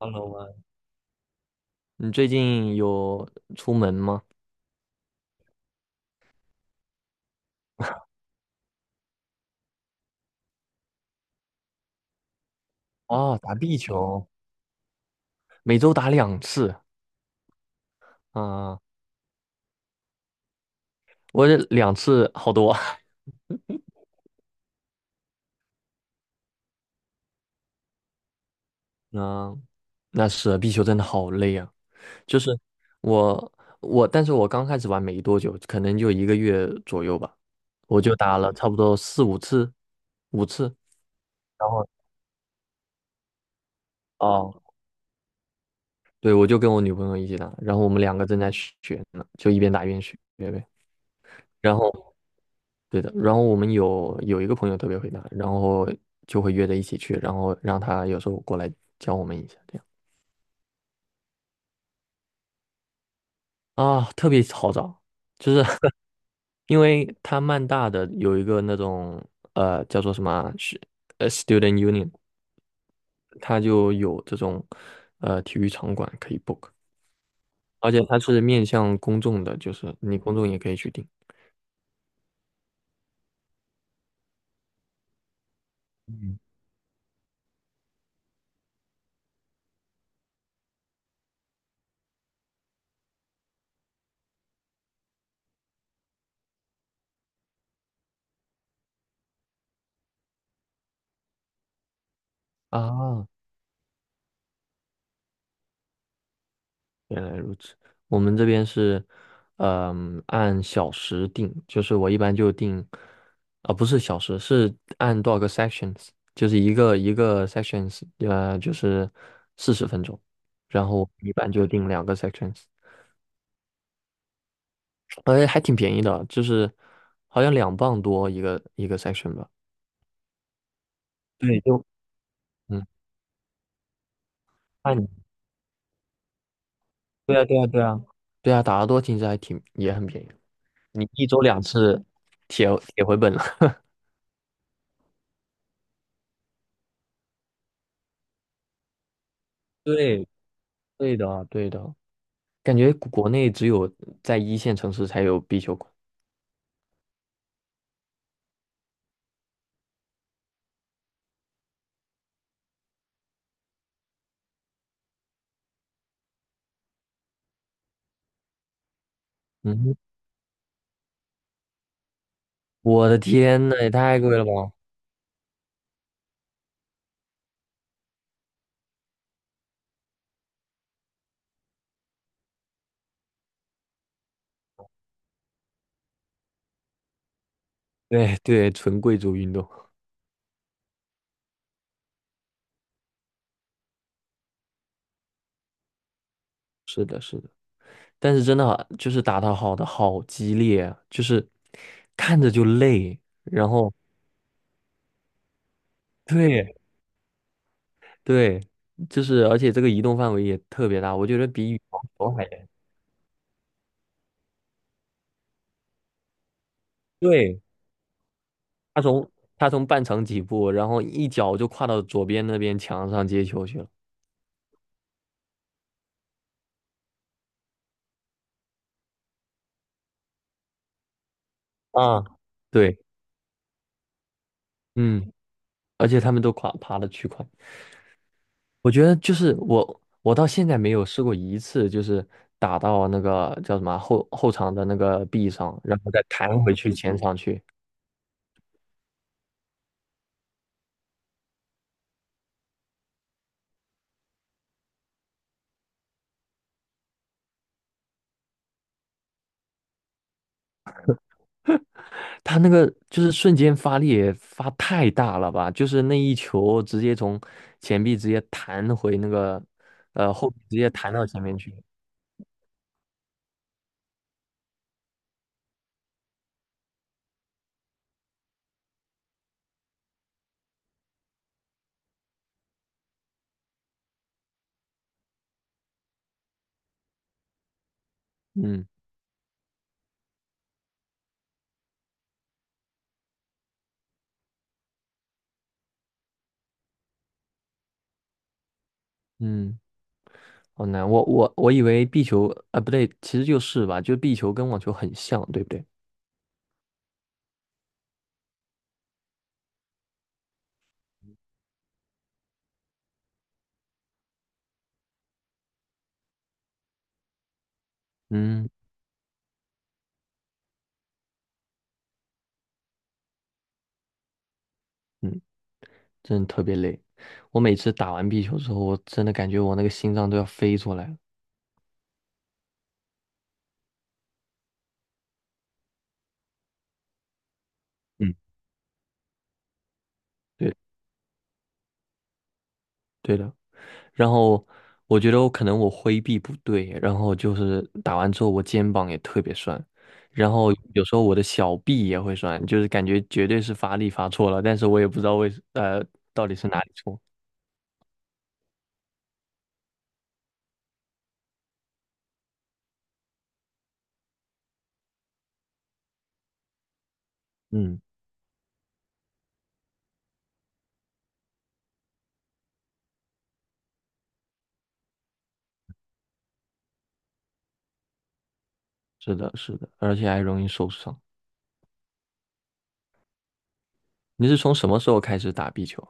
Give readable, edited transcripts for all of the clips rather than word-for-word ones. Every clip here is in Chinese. Hello 啊，你最近有出门吗？哦，打壁球，每周打两次啊，我这两次好多。嗯，那是啊壁球真的好累啊。就是我我，但是我刚开始玩没多久，可能就一个月左右吧，我就打了差不多四五次，五次。然后哦，对，我就跟我女朋友一起打，然后我们两个正在学呢，就一边打一边学呗。然后对的，然后我们有一个朋友特别会打，然后就会约着一起去，然后让他有时候过来教我们一下，这样啊，特别好找，就是 因为他曼大的有一个那种叫做什么啊是Student Union，他就有这种体育场馆可以 book，而且他是面向公众的，就是你公众也可以去订。嗯，啊。原来如此，我们这边是，按小时定，就是我一般就定，啊、不是小时，是按多少个 sections，就是一个一个 sections，就是40分钟，然后一般就定两个 sections，哎，还挺便宜的，就是好像2磅多一个一个 section 吧。对，就嗯，按，对啊，对啊，对啊，对啊，打得多其实还挺也很便宜，你一周两次铁铁回本了。对，对的，对的。感觉国内只有在一线城市才有壁球馆。嗯，我的天呐，也太贵了吧！对对，纯贵族运动，但是真的好，就是打得好的好激烈啊，就是看着就累，然后 对对，就是而且这个移动范围也特别大，我觉得比羽毛球还严对，他从他从半场起步，然后一脚就跨到左边那边墙上接球去了。啊，对，嗯，而且他们都跨爬的巨快。我觉得就是我到现在没有试过一次，就是打到那个叫什么啊后场的那个壁上，然后再弹回去前场去。他那个就是瞬间发力也发太大了吧，就是那一球直接从前臂直接弹回那个后壁，直接弹到前面去。嗯嗯，好难。我以为壁球啊、不对，其实就是吧，就是壁球跟网球很像，对不对？嗯嗯。真的特别累。我每次打完壁球之后，我真的感觉我那个心脏都要飞出来了。嗯，对，对的。然后我觉得我可能我挥臂不对，然后就是打完之后我肩膀也特别酸，然后有时候我的小臂也会酸，就是感觉绝对是发力发错了，但是我也不知道为到底是哪里错。嗯，是的，是的，而且还容易受伤。你是从什么时候开始打壁球？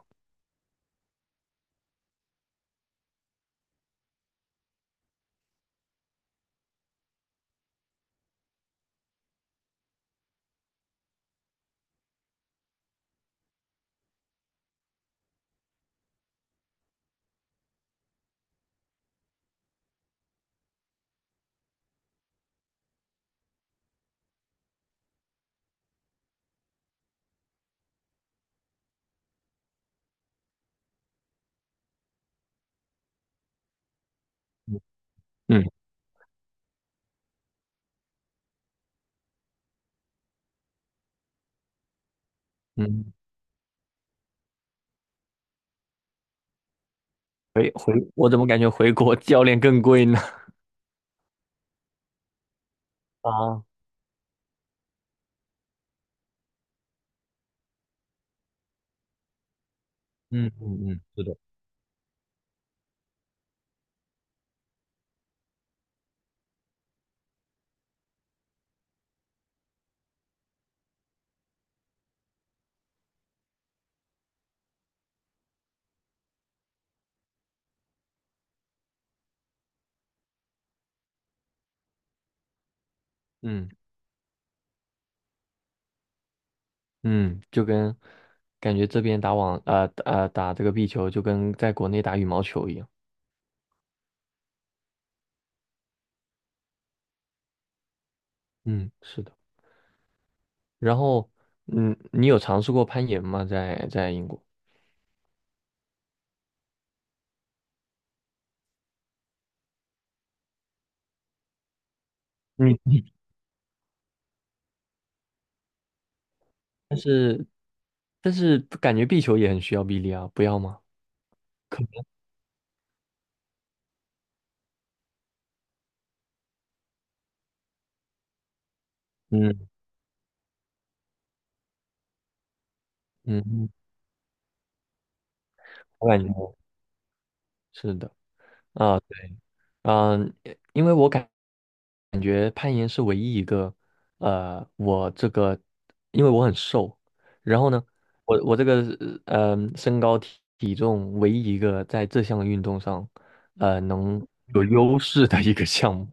嗯嗯，我怎么感觉回国 教练更贵呢？啊，嗯嗯嗯，是的，嗯嗯，就跟感觉这边打这个壁球，就跟在国内打羽毛球一样。嗯，是的。然后，你有尝试过攀岩吗？在英国？你但是但是感觉壁球也很需要臂力啊，不要吗？嗯嗯，嗯，我感觉是的啊，对嗯，因为我感觉攀岩是唯一一个，我这个，因为我很瘦，然后呢，我这个身高体重唯一一个在这项运动上，能有优势的一个项目。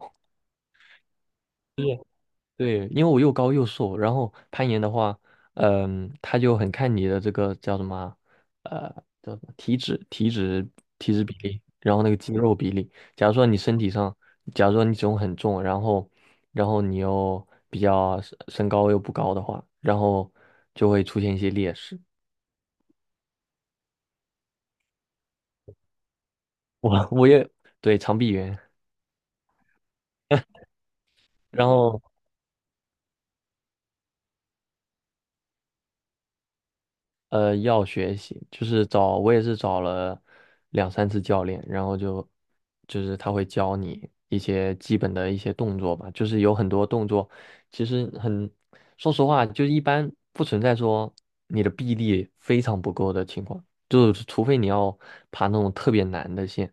对，因为我又高又瘦，然后攀岩的话，他就很看你的这个叫什么啊叫什么体脂、体脂、体脂比例，然后那个肌肉比例。假如说你身体上，假如说你体重很重，然后，然后你又比较身高又不高的话，然后就会出现一些劣势。我也对长臂猿，然后要学习，就是找，我也是找了两三次教练，然后就是他会教你一些基本的一些动作吧，就是有很多动作，其实很，说实话，就一般不存在说你的臂力非常不够的情况，就是除非你要爬那种特别难的线，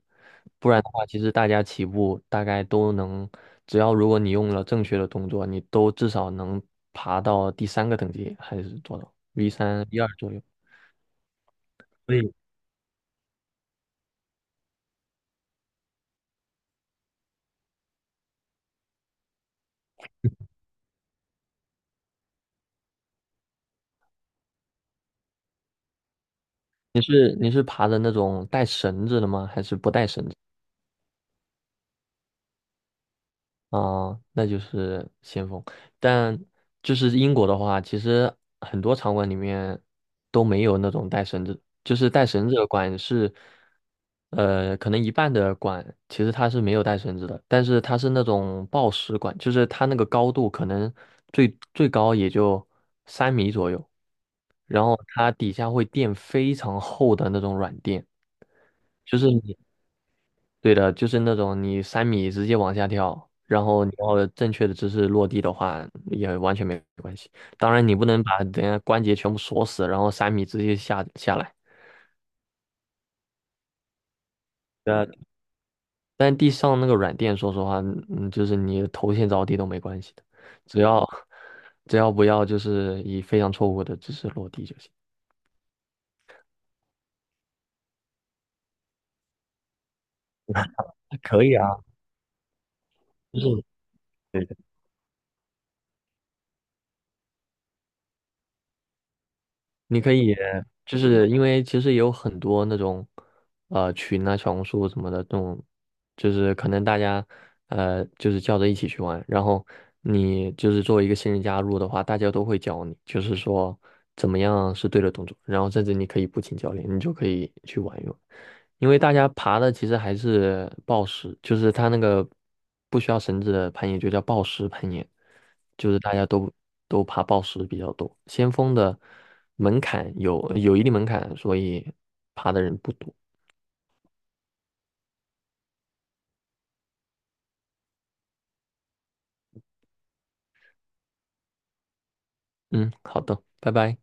不然的话，其实大家起步大概都能，只要如果你用了正确的动作，你都至少能爬到第三个等级还是多少？V3 V2左右。所以你是爬的那种带绳子的吗？还是不带绳子？啊、那就是先锋。但就是英国的话，其实很多场馆里面都没有那种带绳子，就是带绳子的馆是，可能一半的馆其实它是没有带绳子的，但是它是那种抱石馆，就是它那个高度可能最高也就三米左右，然后它底下会垫非常厚的那种软垫。就是你对的，就是那种你三米直接往下跳，然后你要正确的姿势落地的话，也完全没关系。当然，你不能把人家关节全部锁死，然后三米直接下下来。呃，但地上那个软垫，说实话，就是你头先着地都没关系的，只要只要不要就是以非常错误的姿势落地就行。可以啊，就是。你可以，就是因为其实有很多那种，群啊、小红书什么的，这种就是可能大家，就是叫着一起去玩，然后你就是作为一个新人加入的话，大家都会教你，就是说怎么样是对的动作，然后甚至你可以不请教练，你就可以去玩一玩。因为大家爬的其实还是抱石，就是它那个不需要绳子的攀岩就叫抱石攀岩，就是大家都爬抱石比较多。先锋的门槛有一定门槛，所以爬的人不多。嗯，好的，拜拜。